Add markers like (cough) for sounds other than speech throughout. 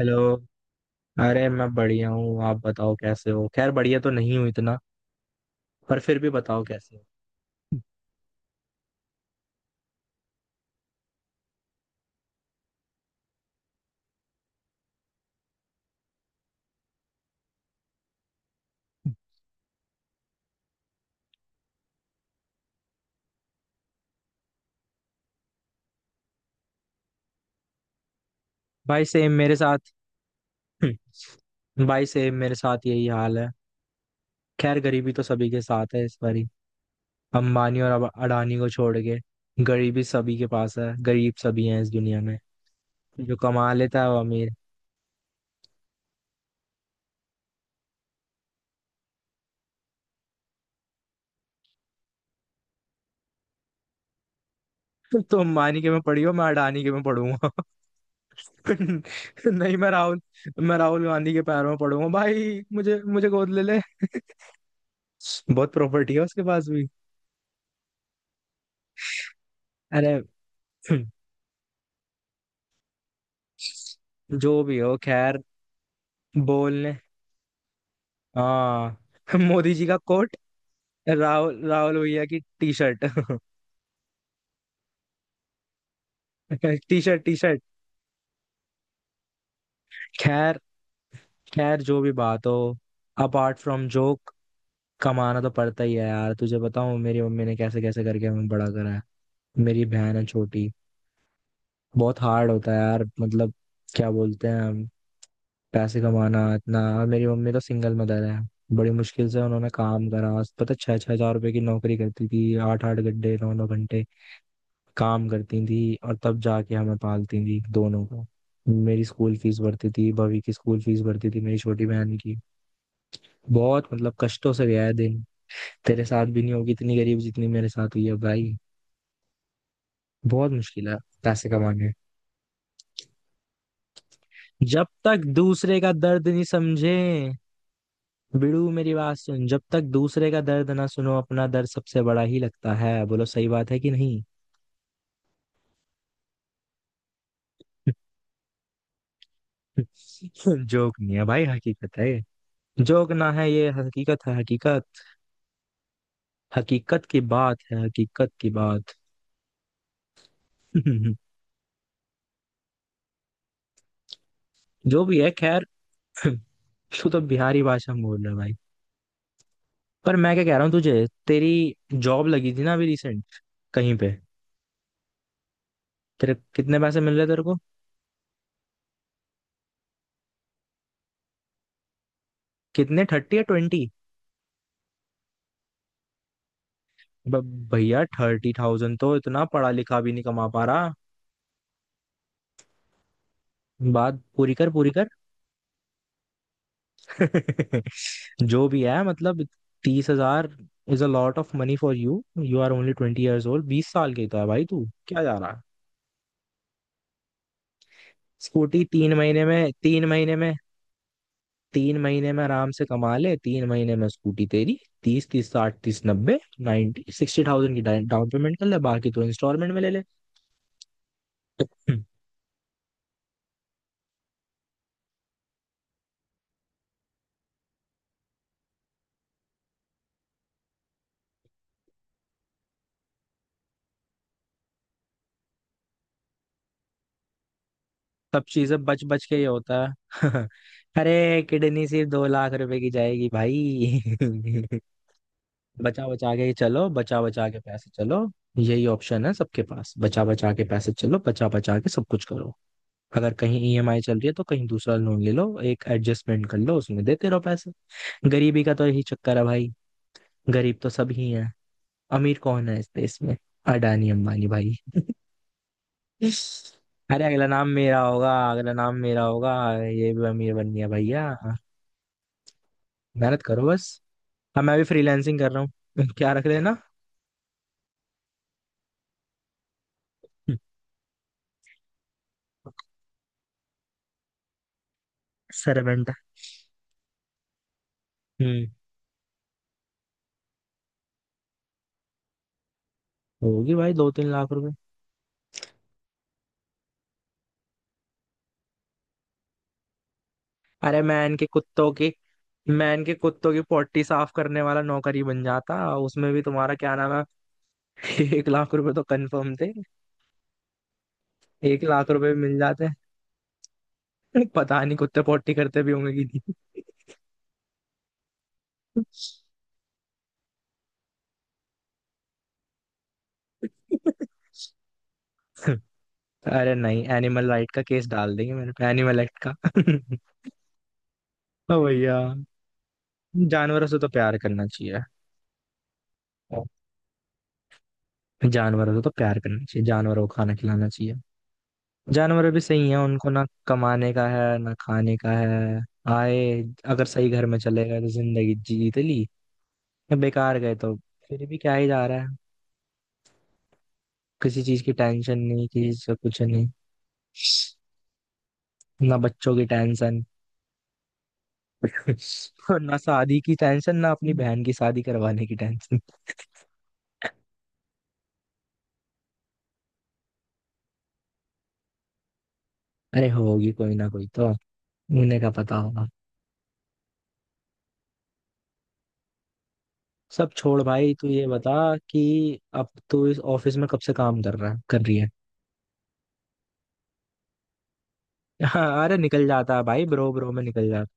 Hello. अरे मैं बढ़िया हूँ, आप बताओ कैसे हो। खैर बढ़िया तो नहीं हूँ इतना, पर फिर भी बताओ कैसे हो। भाई सेम मेरे साथ। (laughs) भाई सेम मेरे साथ यही हाल है। खैर गरीबी तो सभी के साथ है इस बारी। अंबानी और अडानी को छोड़ के। गरीबी सभी के पास है, गरीब सभी हैं इस दुनिया में। जो कमा लेता है वो अमीर। (laughs) तो अंबानी के में पड़ी हो, मैं अडानी के में पढ़ूंगा। (laughs) नहीं, मैं राहुल गांधी के पैरों में पड़ूंगा भाई, मुझे मुझे गोद ले ले। (laughs) बहुत प्रॉपर्टी है उसके पास भी। अरे (clears throat) जो भी हो खैर। बोलने। हाँ। (laughs) मोदी जी का कोट, राहुल राहुल भैया की T shirt. (laughs) T shirt T shirt. (laughs) खैर खैर जो भी बात हो, अपार्ट फ्रॉम जोक, कमाना तो पड़ता ही है यार। तुझे बताऊं, मेरी मम्मी ने कैसे कैसे करके हमें बड़ा करा है। मेरी बहन है छोटी। बहुत हार्ड होता है यार, मतलब क्या बोलते हैं, पैसे कमाना इतना। और मेरी मम्मी तो सिंगल मदर है। बड़ी मुश्किल से उन्होंने काम करा। पता, छह छह हजार रुपए की नौकरी करती थी, आठ आठ घंटे, नौ नौ घंटे काम करती थी, और तब जाके हमें पालती थी दोनों को। मेरी स्कूल फीस भरती थी, भवी की स्कूल फीस भरती थी, मेरी छोटी बहन की। बहुत मतलब कष्टों से गया है दिन। तेरे साथ भी नहीं होगी इतनी गरीब जितनी मेरे साथ हुई है भाई। बहुत मुश्किल है पैसे कमाने। जब तक दूसरे का दर्द नहीं समझे, भिड़ू मेरी बात सुन, जब तक दूसरे का दर्द ना सुनो अपना दर्द सबसे बड़ा ही लगता है। बोलो सही बात है कि नहीं? (laughs) जोक नहीं है भाई, हकीकत है ये। जोक ना है ये, हकीकत है हकीकत। हकीकत की बात है, हकीकत की बात। (laughs) जो भी है खैर। (laughs) तू तो बिहारी भाषा में बोल रहा है भाई। पर मैं क्या कह रहा हूँ तुझे, तेरी जॉब लगी थी ना अभी रिसेंट कहीं पे। तेरे कितने पैसे मिल रहे तेरे को। कितने, थर्टी या ट्वेंटी? भैया 30,000 तो इतना पढ़ा लिखा भी नहीं कमा पा रहा। बात पूरी कर, पूरी कर। (laughs) जो भी है मतलब। 30,000 is a lot of money for you. You are only 20 years old, 20 साल के तो है भाई, तू क्या जा रहा है। स्कूटी 3 महीने में, 3 महीने में, 3 महीने में आराम से कमा ले, 3 महीने में स्कूटी तेरी। तीस तीस साठ, तीस नब्बे, 90,000 की डाउन पेमेंट कर ले, बाकी तो इंस्टॉलमेंट में ले ले। हम्म, सब चीजें बच बच के ये होता है। (laughs) अरे किडनी सिर्फ 2 लाख रुपए की जाएगी भाई। (laughs) बचा बचा के ही चलो, बचा बचा के पैसे चलो। यही ऑप्शन है सबके पास, बचा बचा के पैसे चलो, बचा बचा के सब कुछ करो। अगर कहीं ईएमआई चल रही है तो कहीं दूसरा लोन ले लो, एक एडजस्टमेंट कर लो, उसमें देते रहो पैसे। गरीबी का तो यही चक्कर है भाई। गरीब तो सब ही है। अमीर कौन है इस देश में, अडानी अंबानी भाई। अरे अगला नाम मेरा होगा, अगला नाम मेरा होगा। ये भी अमीर बन गया भैया। मेहनत करो बस। हाँ, मैं भी फ्रीलांसिंग कर रहा हूँ। (laughs) क्या रख लेना, सर्वेंट? हम्म होगी भाई 2-3 लाख रुपए। अरे मैं इनके कुत्तों की, मैं इनके कुत्तों की पोटी साफ करने वाला नौकरी बन जाता, उसमें भी तुम्हारा क्या नाम है। (laughs) 1 लाख रुपए तो कंफर्म थे, 1 लाख रुपए मिल जाते। (laughs) पता नहीं कुत्ते पोटी करते भी होंगे कि नहीं। (laughs) अरे नहीं, एनिमल राइट का केस डाल देंगे मेरे पे, एनिमल एक्ट का। (laughs) ओ भैया, जानवरों से तो प्यार करना चाहिए। जानवरों से तो प्यार करना चाहिए, जानवरों को खाना खिलाना चाहिए। जानवर भी सही है, उनको ना कमाने का है ना खाने का है। आए, अगर सही घर में चले गए तो जिंदगी जीत ली, या बेकार गए तो फिर भी क्या ही जा रहा है। किसी चीज की टेंशन नहीं, किसी चीज का कुछ नहीं। ना बच्चों की टेंशन, (laughs) और ना शादी की टेंशन, ना अपनी बहन की शादी करवाने की टेंशन। अरे होगी कोई ना कोई तो, उन्हें का पता होगा। सब छोड़ भाई, तू ये बता कि अब तू इस ऑफिस में कब से काम कर रहा है, कर रही है। (laughs) हाँ, अरे निकल जाता है भाई, ब्रो ब्रो में निकल जाता।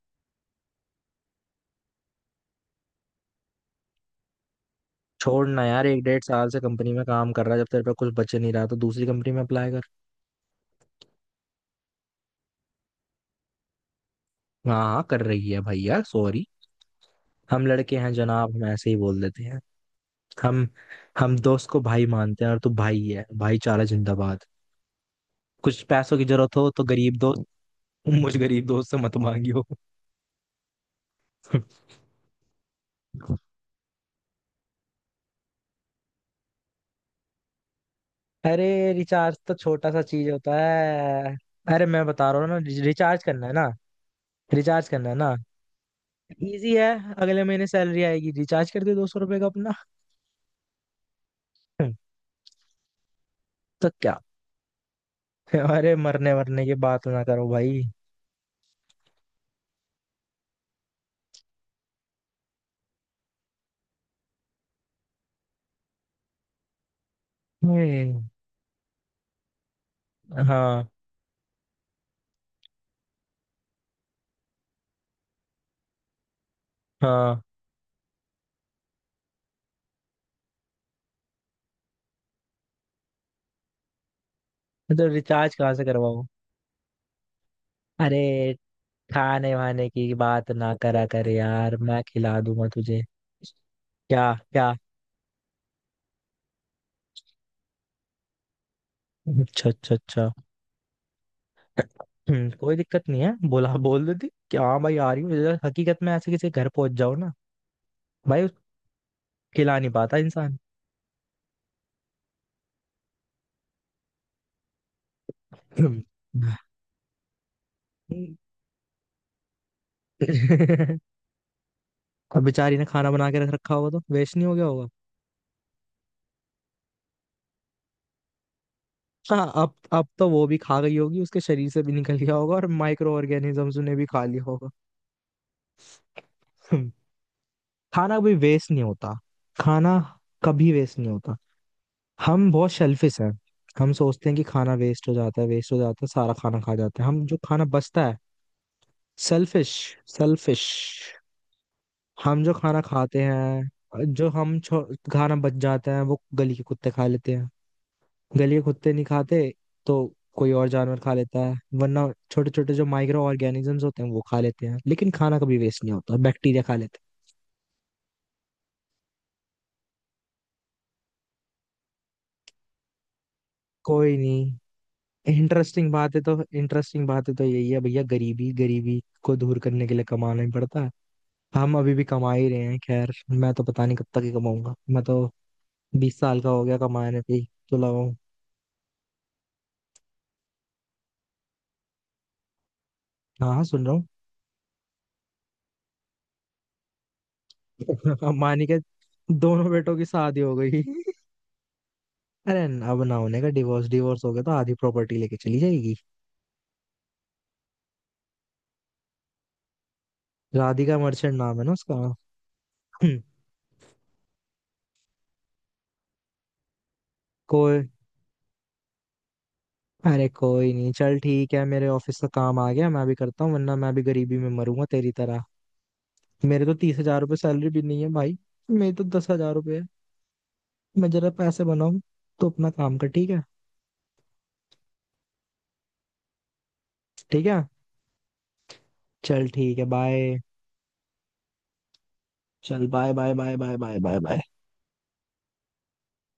छोड़ ना यार, 1-1.5 साल से कंपनी में काम कर रहा है, जब तेरे पे कुछ बच नहीं रहा तो दूसरी कंपनी में अप्लाई कर। हाँ हाँ कर रही है भैया, सॉरी, हम लड़के हैं जनाब, हम ऐसे ही बोल देते हैं। हम हम दोस्त को भाई मानते हैं, और तू भाई है, भाईचारा जिंदाबाद। कुछ पैसों की जरूरत हो तो, गरीब दोस्त, मुझ गरीब दोस्त से मत मांगियो। (laughs) अरे रिचार्ज तो छोटा सा चीज होता है। अरे मैं बता रहा हूँ ना, रिचार्ज करना है ना, रिचार्ज करना है ना, इजी है। अगले महीने सैलरी आएगी, रिचार्ज कर दे 200 रुपए का अपना। (laughs) तो क्या? (laughs) अरे मरने मरने की बात ना करो भाई। हम्म, हाँ हाँ। तो रिचार्ज कहाँ से करवाओ। अरे खाने वाने की बात ना करा कर यार, मैं खिला दूंगा तुझे। क्या क्या? अच्छा अच्छा अच्छा। कोई दिक्कत नहीं है, बोला बोल देती कि हाँ भाई आ रही हूँ, जरा हकीकत में ऐसे किसी के घर पहुंच जाओ ना भाई, खिला नहीं पाता इंसान। और (laughs) बेचारी ने खाना बना के रख रखा होगा, तो वेस्ट नहीं हो गया होगा। हाँ, अब तो वो भी खा गई होगी, उसके शरीर से भी निकल गया होगा और माइक्रो ऑर्गेनिजम्स ने भी खा लिया होगा। (laughs) हम्म। खाना भी वेस्ट नहीं होता, खाना कभी वेस्ट नहीं होता। हम बहुत शेल्फिश हैं। हम सोचते हैं कि खाना वेस्ट हो जाता है, वेस्ट हो जाता है, सारा खाना खा जाते हैं हम जो खाना बचता है। Selfish, selfish. हम जो खाना खाते हैं, जो हम खाना बच जाता है, वो गली के कुत्ते खा लेते हैं। गलिए कुत्ते नहीं खाते तो कोई और जानवर खा लेता है, वरना छोटे छोटे जो माइक्रो ऑर्गेनिजम्स होते हैं वो खा लेते हैं, लेकिन खाना कभी वेस्ट नहीं होता, बैक्टीरिया खा लेते हैं। कोई नहीं। इंटरेस्टिंग बात है तो, इंटरेस्टिंग बात है तो यही है भैया, गरीबी, गरीबी को दूर करने के लिए कमाना ही पड़ता है। हम अभी भी कमा ही रहे हैं। खैर मैं तो पता नहीं कब तक ही कमाऊंगा, मैं तो 20 साल का हो गया, कमाने पे ही तो लगाऊं। हाँ हाँ सुन रहा हूँ। (laughs) अंबानी के दोनों बेटों की शादी हो गई। अरे अब ना होने का डिवोर्स डिवोर्स हो गया तो आधी प्रॉपर्टी लेके चली जाएगी। राधिका मर्चेंट नाम है ना उसका। हम्म, कोई। अरे कोई नहीं, चल ठीक है, मेरे ऑफिस का काम आ गया, मैं भी करता हूँ वरना मैं भी गरीबी में मरूंगा तेरी तरह। मेरे तो 30,000 रुपये सैलरी भी नहीं है भाई, मेरी तो 10,000 रुपये है। मैं जरा पैसे बनाऊं, तो अपना काम कर, ठीक है। ठीक है चल ठीक है बाय। चल bye bye bye bye bye bye bye.